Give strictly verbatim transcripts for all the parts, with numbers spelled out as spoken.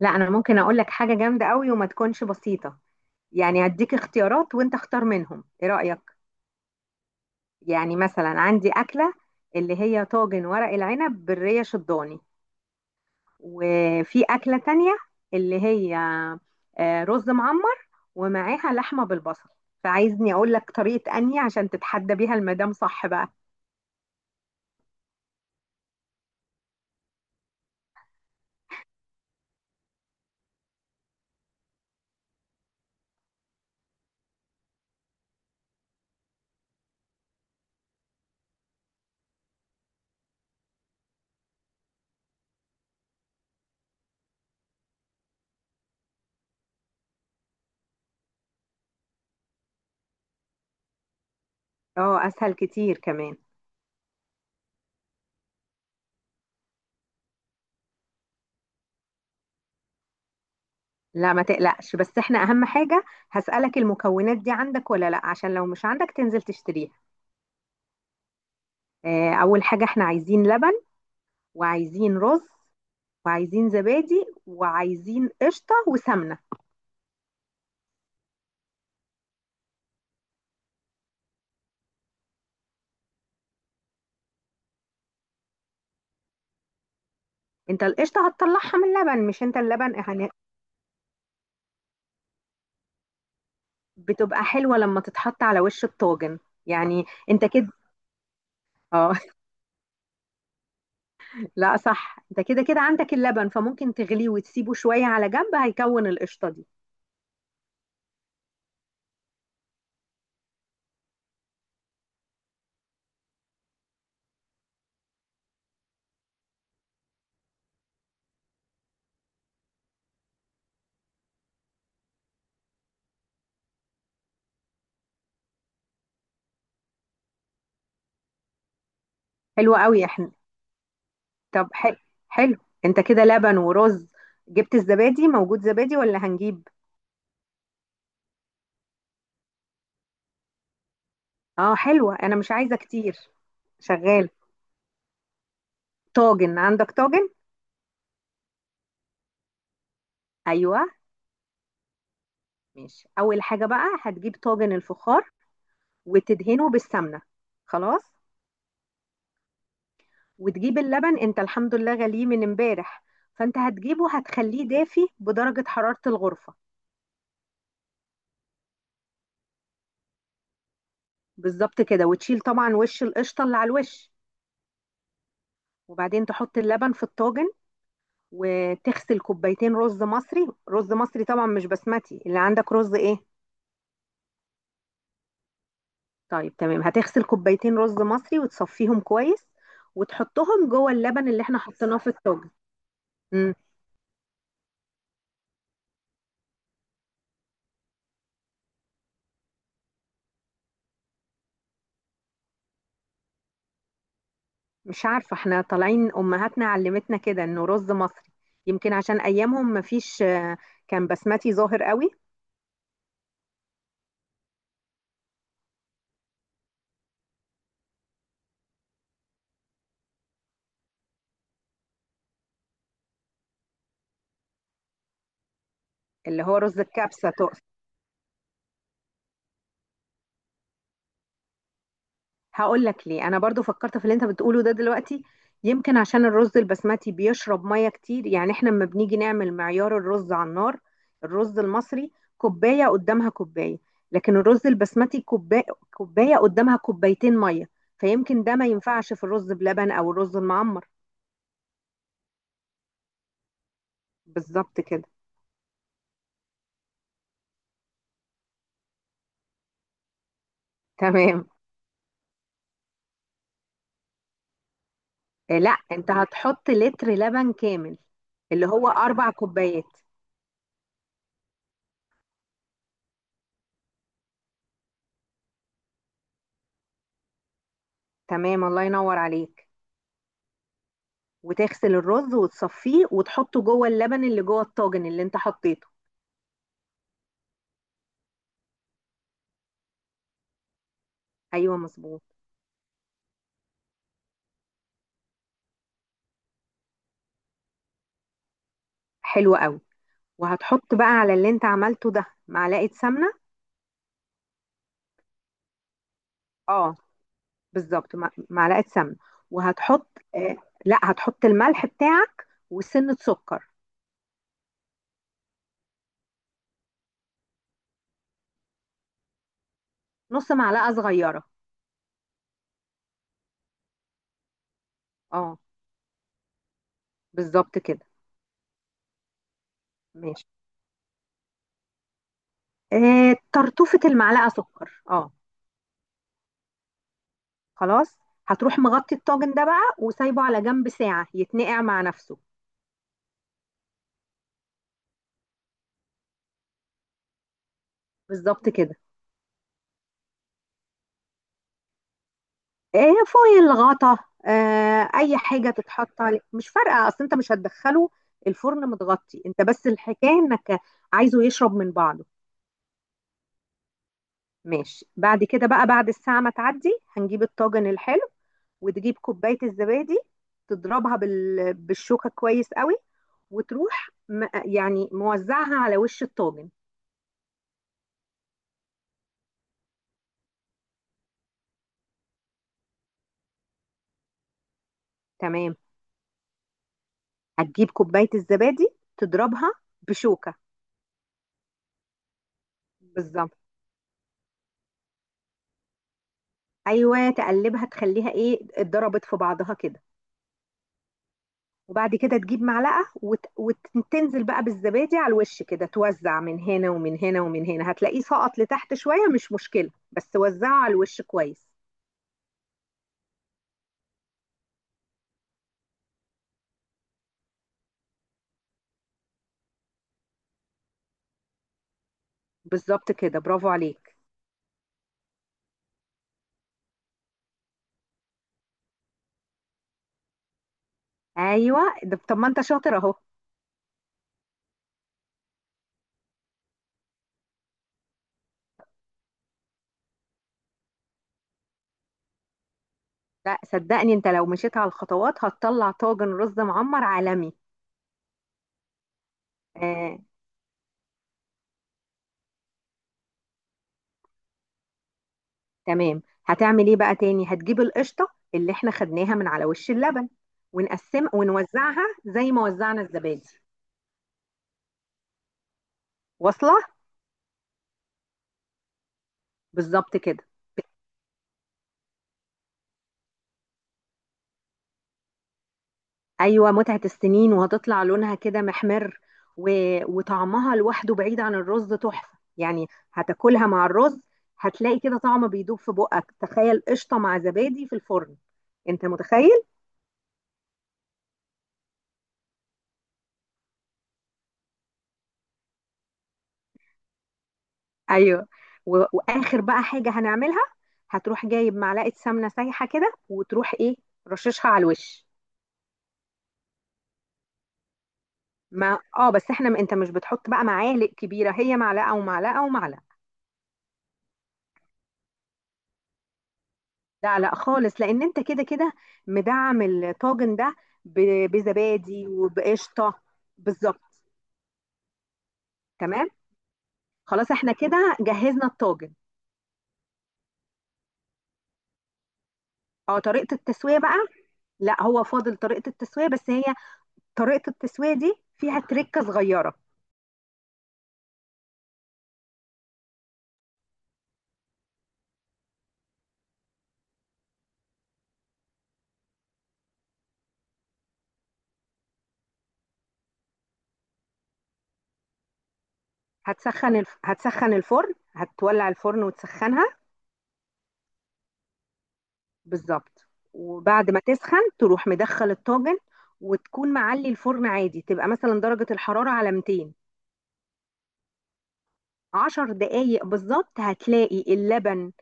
لا، انا ممكن اقول لك حاجه جامده قوي وما تكونش بسيطه. يعني هديك اختيارات وانت اختار منهم، ايه رايك؟ يعني مثلا عندي اكله اللي هي طاجن ورق العنب بالريه شضاني، وفي اكله تانية اللي هي آه، رز معمر ومعاها لحمه بالبصل. فعايزني اقول لك طريقه اني عشان تتحدى بيها المدام، صح بقى؟ اه، اسهل كتير كمان. لا ما تقلقش، بس احنا اهم حاجه هسالك المكونات دي عندك ولا لا، عشان لو مش عندك تنزل تشتريها. آه، أول حاجة احنا عايزين لبن، وعايزين رز، وعايزين زبادي، وعايزين قشطة وسمنة. انت القشطة هتطلعها من اللبن، مش انت اللبن هن- بتبقى حلوة لما تتحط على وش الطاجن، يعني انت كده. اه لا صح، انت كده كده عندك اللبن، فممكن تغليه وتسيبه شوية على جنب، هيكون القشطة دي. حلوة قوي احنا. طب حلو، حلو، انت كده لبن ورز. جبت الزبادي؟ موجود زبادي ولا هنجيب؟ اه حلوة، انا مش عايزة كتير. شغال. طاجن، عندك طاجن؟ ايوه ماشي. اول حاجه بقى هتجيب طاجن الفخار وتدهنه بالسمنه، خلاص. وتجيب اللبن، انت الحمد لله غليه من امبارح، فانت هتجيبه، هتخليه دافي بدرجه حراره الغرفه. بالظبط كده، وتشيل طبعا وش القشطه اللي على الوش، وبعدين تحط اللبن في الطاجن، وتغسل كوبايتين رز مصري. رز مصري طبعا مش بسمتي. اللي عندك رز ايه؟ طيب تمام، هتغسل كوبايتين رز مصري وتصفيهم كويس، وتحطهم جوه اللبن اللي احنا حطيناه في الطاجن. مم. مش عارفة، احنا طالعين أمهاتنا علمتنا كده إنه رز مصري. يمكن عشان أيامهم مفيش آه، كان بسمتي ظاهر قوي. اللي هو رز الكبسة تقصد؟ هقول لك ليه. أنا برضو فكرت في اللي أنت بتقوله ده دلوقتي. يمكن عشان الرز البسمتي بيشرب مية كتير. يعني احنا لما بنيجي نعمل معيار الرز على النار، الرز المصري كوباية قدامها كوباية، لكن الرز البسمتي كوباية، كوباية قدامها كوبايتين مية. فيمكن ده ما ينفعش في الرز بلبن أو الرز المعمر. بالظبط كده. تمام، آه، لا، انت هتحط لتر لبن كامل، اللي هو اربع كوبايات. تمام الله ينور عليك. وتغسل الرز وتصفيه وتحطه جوه اللبن اللي جوه الطاجن اللي انت حطيته. ايوه مظبوط. حلو قوي. وهتحط بقى على اللي انت عملته ده معلقه سمنه. اه، بالظبط، مع- معلقه سمنه. وهتحط آه لا، هتحط الملح بتاعك وسنه سكر. نص معلقه صغيره. اه، بالظبط كده. ماشي. آه، طرطوفه المعلقه سكر، اه. خلاص، هتروح مغطي الطاجن ده بقى وسايبه على جنب ساعة يتنقع مع نفسه. بالظبط كده. ايه، فويل، غطا، آه، اي حاجة تتحط عليه مش فارقة، اصل انت مش هتدخله الفرن. متغطي انت بس، الحكاية انك عايزه يشرب من بعضه. ماشي، بعد كده بقى، بعد الساعة ما تعدي، هنجيب الطاجن الحلو، وتجيب كوباية الزبادي تضربها بال... بالشوكة كويس قوي، وتروح م... يعني موزعها على وش الطاجن. تمام، هتجيب كوباية الزبادي، تضربها بشوكة. بالظبط. أيوة تقلبها تخليها إيه، اتضربت في بعضها كده، وبعد كده تجيب معلقة وت... وتنزل بقى بالزبادي على الوش كده، توزع من هنا ومن هنا ومن هنا. هتلاقيه سقط لتحت شوية، مش مشكلة، بس وزعه على الوش كويس. بالظبط كده برافو عليك. أيوة ده، طب ما أنت شاطر أهو. لا صدقني أنت لو مشيت على الخطوات هتطلع طاجن رز معمر عالمي. آه، تمام، هتعمل ايه بقى تاني؟ هتجيب القشطة اللي احنا خدناها من على وش اللبن، ونقسم ونوزعها زي ما وزعنا الزبادي. واصلة. بالظبط كده. ايوه متعة السنين، وهتطلع لونها كده محمر و... وطعمها لوحده بعيد عن الرز تحفة يعني. هتاكلها مع الرز هتلاقي كده طعم بيدوب في بقك. تخيل قشطة مع زبادي في الفرن. انت متخيل؟ ايوه. و... واخر بقى حاجه هنعملها، هتروح جايب معلقه سمنه سايحه كده وتروح ايه، رششها على الوش. ما اه، بس احنا م... انت مش بتحط بقى معالق كبيره، هي معلقه ومعلقه ومعلقه. لا لا خالص، لان انت كده كده مدعم الطاجن ده ب... بزبادي وبقشطه. بالظبط. تمام. خلاص احنا كده جهزنا الطاجن. اه، طريقه التسويه بقى. لا هو فاضل طريقه التسويه، بس هي طريقه التسويه دي فيها تركه صغيره. هتسخن الف... هتسخن الفرن، هتولع الفرن وتسخنها. بالظبط. وبعد ما تسخن تروح مدخل الطاجن، وتكون معلي الفرن عادي، تبقى مثلا درجة الحرارة على مئتين. عشر دقايق بالظبط هتلاقي اللبن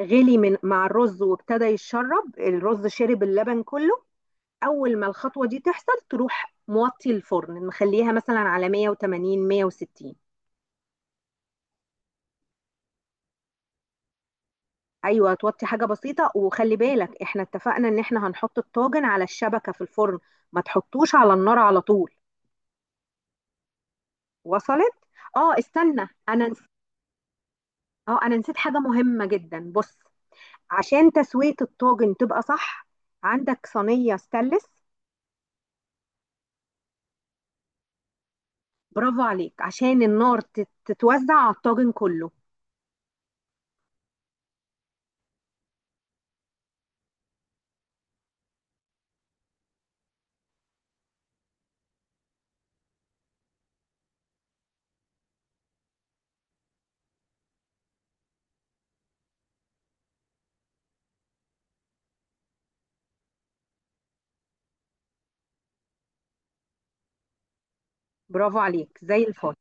غلي من مع الرز، وابتدى يتشرب الرز شرب اللبن كله. اول ما الخطوة دي تحصل تروح موطي الفرن، مخليها مثلا على مية وتمانين مية وستين. ايوه توطي حاجه بسيطه. وخلي بالك احنا اتفقنا ان احنا هنحط الطاجن على الشبكه في الفرن، ما تحطوش على النار على طول. وصلت. اه، استنى، انا نس... اه انا نسيت حاجه مهمه جدا. بص، عشان تسويه الطاجن تبقى صح، عندك صينيه ستانلس. برافو عليك، عشان النار تت- تتوزع على الطاجن كله. برافو عليك زي الفل.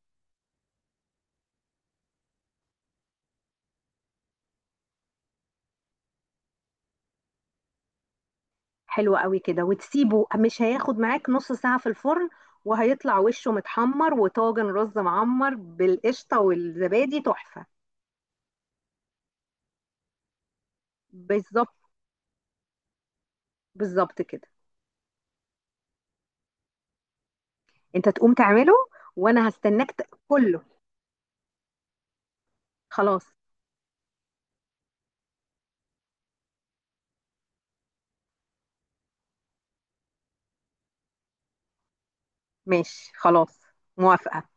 حلو قوي كده، وتسيبه مش هياخد معاك نص ساعة في الفرن، وهيطلع وشه متحمر، وطاجن رز معمر بالقشطة والزبادي تحفة. بالظبط. بالظبط كده. انت تقوم تعمله، وانا هستناك ت- كله. خلاص. ماشي خلاص. موافقة.